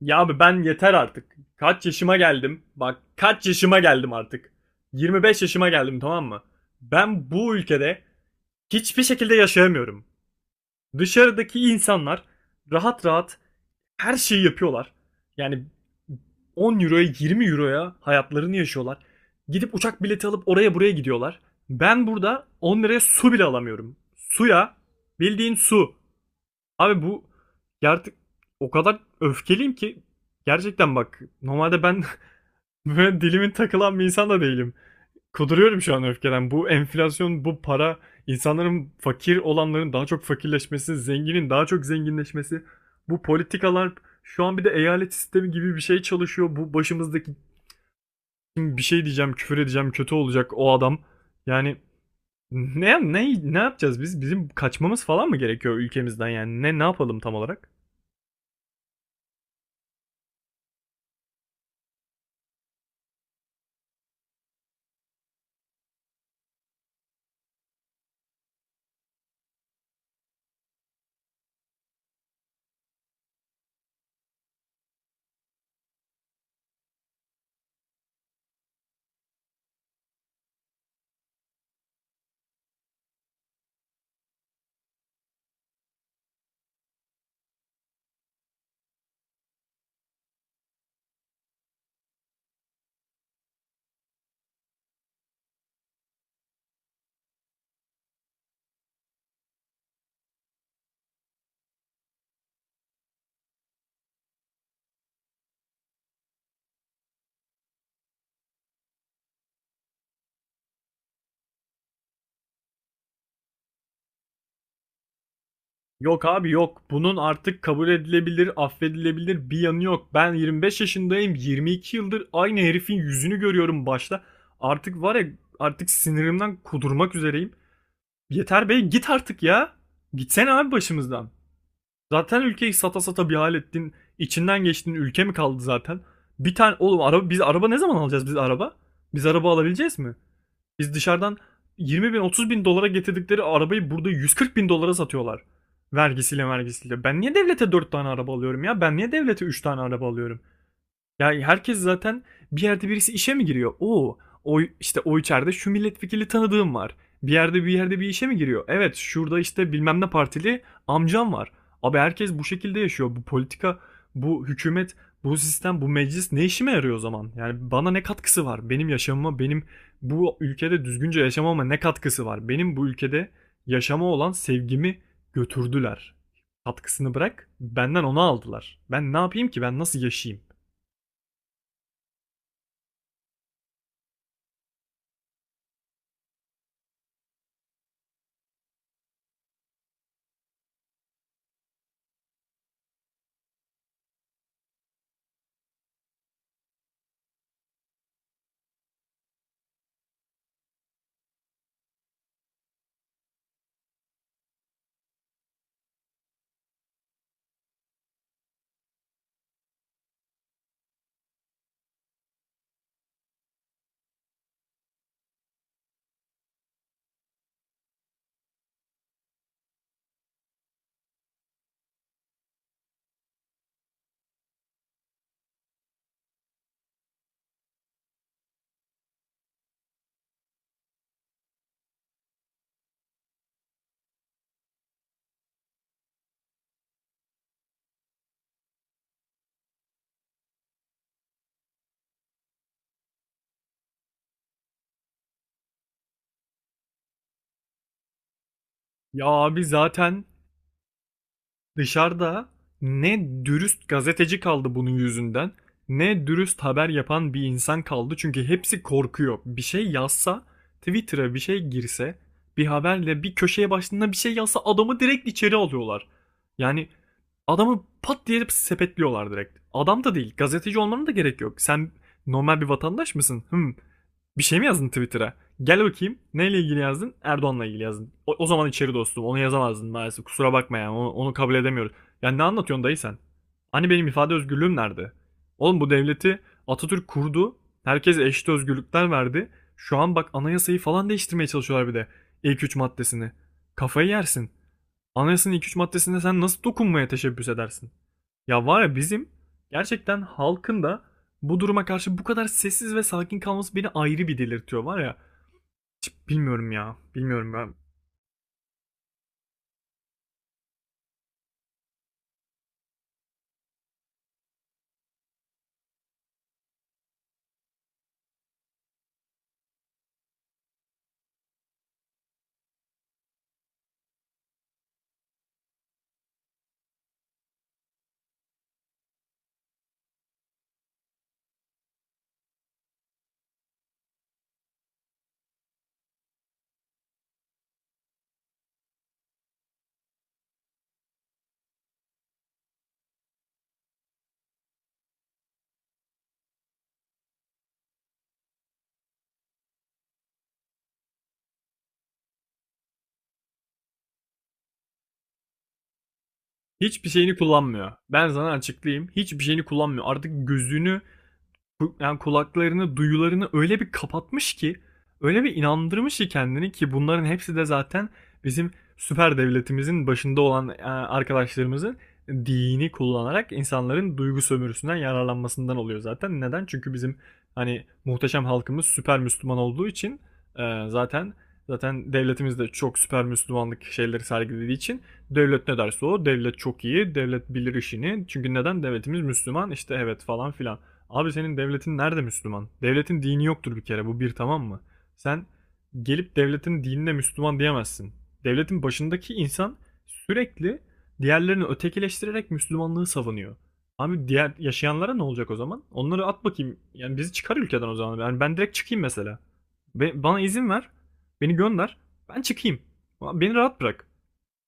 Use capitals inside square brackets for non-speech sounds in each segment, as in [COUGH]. Ya abi ben yeter artık. Kaç yaşıma geldim? Bak kaç yaşıma geldim artık. 25 yaşıma geldim, tamam mı? Ben bu ülkede hiçbir şekilde yaşayamıyorum. Dışarıdaki insanlar rahat rahat her şeyi yapıyorlar. Yani 10 euroya 20 euroya hayatlarını yaşıyorlar. Gidip uçak bileti alıp oraya buraya gidiyorlar. Ben burada 10 liraya su bile alamıyorum. Suya, bildiğin su. Abi bu, ya artık o kadar öfkeliyim ki, gerçekten bak, normalde ben [LAUGHS] böyle dilimin takılan bir insan da değilim. Kuduruyorum şu an öfkeden. Bu enflasyon, bu para, insanların, fakir olanların daha çok fakirleşmesi, zenginin daha çok zenginleşmesi, bu politikalar, şu an bir de eyalet sistemi gibi bir şey çalışıyor. Bu başımızdaki... Şimdi bir şey diyeceğim, küfür edeceğim, kötü olacak o adam. Yani ne yapacağız biz? Bizim kaçmamız falan mı gerekiyor ülkemizden yani? Ne yapalım tam olarak? Yok abi, yok. Bunun artık kabul edilebilir, affedilebilir bir yanı yok. Ben 25 yaşındayım. 22 yıldır aynı herifin yüzünü görüyorum başta. Artık var ya, artık sinirimden kudurmak üzereyim. Yeter bey, git artık ya. Gitsene abi başımızdan. Zaten ülkeyi sata sata bir hal ettin. İçinden geçtin. Ülke mi kaldı zaten? Bir tane oğlum araba, biz araba ne zaman alacağız, biz araba? Biz araba alabileceğiz mi? Biz dışarıdan 20 bin 30 bin dolara getirdikleri arabayı burada 140 bin dolara satıyorlar. Vergisiyle vergisiyle. Ben niye devlete 4 tane araba alıyorum ya? Ben niye devlete 3 tane araba alıyorum? Ya herkes zaten bir yerde, birisi işe mi giriyor? Oo, o işte, o içeride şu milletvekili tanıdığım var. Bir yerde, bir yerde bir işe mi giriyor? Evet, şurada işte bilmem ne partili amcam var. Abi herkes bu şekilde yaşıyor. Bu politika, bu hükümet, bu sistem, bu meclis ne işime yarıyor o zaman? Yani bana ne katkısı var? Benim yaşamıma, benim bu ülkede düzgünce yaşamama ne katkısı var? Benim bu ülkede yaşama olan sevgimi götürdüler. Katkısını bırak, benden onu aldılar. Ben ne yapayım ki? Ben nasıl yaşayayım? Ya abi, zaten dışarıda ne dürüst gazeteci kaldı bunun yüzünden, ne dürüst haber yapan bir insan kaldı. Çünkü hepsi korkuyor. Bir şey yazsa, Twitter'a bir şey girse, bir haberle, bir köşeye başlığında bir şey yazsa adamı direkt içeri alıyorlar. Yani adamı pat diye sepetliyorlar direkt. Adam da değil, gazeteci olmanın da gerek yok. Sen normal bir vatandaş mısın? Hmm. Bir şey mi yazdın Twitter'a? Gel bakayım. Neyle ilgili yazdın? Erdoğan'la ilgili yazdın. O zaman içeri dostum. Onu yazamazdın maalesef. Kusura bakma yani. Onu kabul edemiyoruz. Yani ne anlatıyorsun dayı sen? Hani benim ifade özgürlüğüm nerede? Oğlum bu devleti Atatürk kurdu. Herkese eşit özgürlükler verdi. Şu an bak, anayasayı falan değiştirmeye çalışıyorlar bir de. İlk 3 maddesini. Kafayı yersin. Anayasanın ilk 3 maddesine sen nasıl dokunmaya teşebbüs edersin? Ya var ya, bizim gerçekten halkın da bu duruma karşı bu kadar sessiz ve sakin kalması beni ayrı bir delirtiyor var ya. Bilmiyorum ya. Bilmiyorum ya. Hiçbir şeyini kullanmıyor. Ben sana açıklayayım. Hiçbir şeyini kullanmıyor. Artık gözünü, yani kulaklarını, duyularını öyle bir kapatmış ki, öyle bir inandırmış ki kendini, ki bunların hepsi de zaten bizim süper devletimizin başında olan arkadaşlarımızın dini kullanarak insanların duygu sömürüsünden yararlanmasından oluyor zaten. Neden? Çünkü bizim hani muhteşem halkımız süper Müslüman olduğu için, e, zaten zaten devletimiz de çok süper Müslümanlık şeyleri sergilediği için devlet ne derse, o devlet çok iyi devlet, bilir işini. Çünkü neden? Devletimiz Müslüman işte, evet falan filan. Abi senin devletin nerede Müslüman? Devletin dini yoktur bir kere, bu bir, tamam mı? Sen gelip devletin dinine Müslüman diyemezsin. Devletin başındaki insan sürekli diğerlerini ötekileştirerek Müslümanlığı savunuyor. Abi diğer yaşayanlara ne olacak o zaman? Onları at bakayım. Yani bizi çıkar ülkeden o zaman. Yani ben direkt çıkayım mesela. Bana izin ver. Beni gönder. Ben çıkayım. Beni rahat bırak.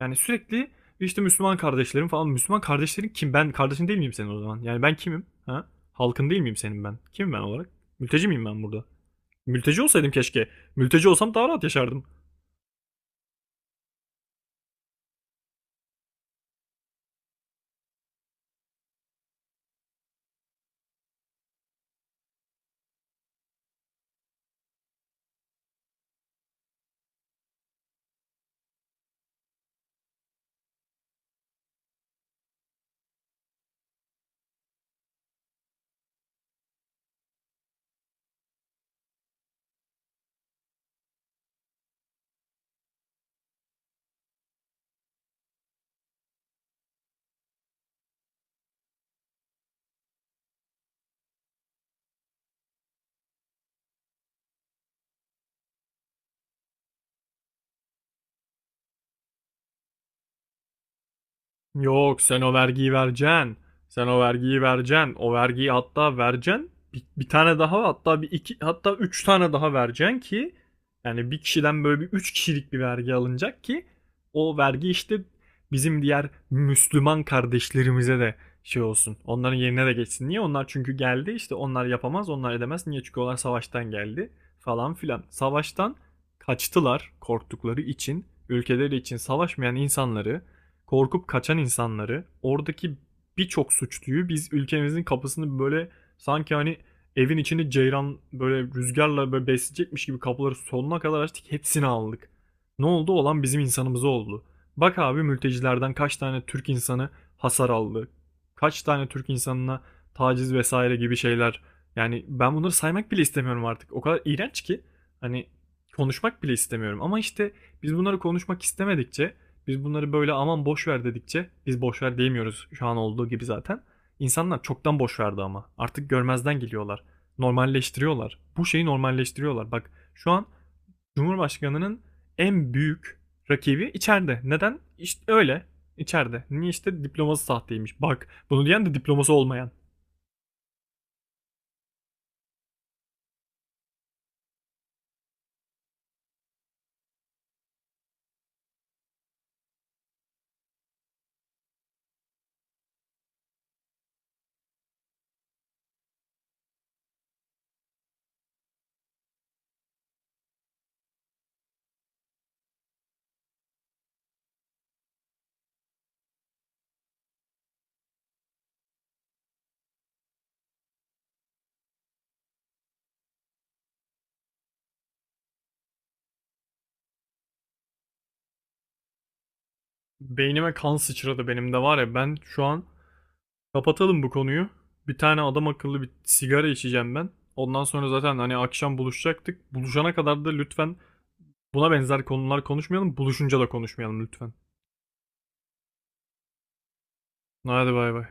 Yani sürekli işte Müslüman kardeşlerim falan. Müslüman kardeşlerin kim? Ben kardeşin değil miyim senin o zaman? Yani ben kimim? Ha? Halkın değil miyim senin ben? Kimim ben olarak? Mülteci miyim ben burada? Mülteci olsaydım keşke. Mülteci olsam daha rahat yaşardım. Yok, sen o vergiyi vereceksin. Sen o vergiyi vereceksin. O vergiyi hatta vereceksin. Bir tane daha, hatta bir iki, hatta üç tane daha vereceksin ki, yani bir kişiden böyle bir üç kişilik bir vergi alınacak ki o vergi işte bizim diğer Müslüman kardeşlerimize de şey olsun. Onların yerine de geçsin. Niye? Onlar çünkü geldi işte, onlar yapamaz, onlar edemez. Niye? Çünkü onlar savaştan geldi falan filan. Savaştan kaçtılar, korktukları için ülkeleri için savaşmayan insanları, korkup kaçan insanları, oradaki birçok suçluyu, biz ülkemizin kapısını böyle sanki hani evin içini ceyran böyle rüzgarla böyle besleyecekmiş gibi kapıları sonuna kadar açtık, hepsini aldık. Ne oldu? Olan bizim insanımız oldu. Bak abi, mültecilerden kaç tane Türk insanı hasar aldı. Kaç tane Türk insanına taciz vesaire gibi şeyler. Yani ben bunları saymak bile istemiyorum artık. O kadar iğrenç ki hani konuşmak bile istemiyorum. Ama işte biz bunları konuşmak istemedikçe, biz bunları böyle aman boş ver dedikçe, biz boş ver diyemiyoruz şu an olduğu gibi zaten. İnsanlar çoktan boş verdi ama. Artık görmezden geliyorlar. Normalleştiriyorlar. Bu şeyi normalleştiriyorlar. Bak şu an Cumhurbaşkanı'nın en büyük rakibi içeride. Neden? İşte öyle. İçeride. Niye? İşte diploması sahteymiş. Bak, bunu diyen de diploması olmayan. Beynime kan sıçradı benim de var ya, ben şu an... Kapatalım bu konuyu. Bir tane adam akıllı bir sigara içeceğim ben. Ondan sonra zaten hani akşam buluşacaktık. Buluşana kadar da lütfen buna benzer konular konuşmayalım. Buluşunca da konuşmayalım lütfen. Hadi bay bay.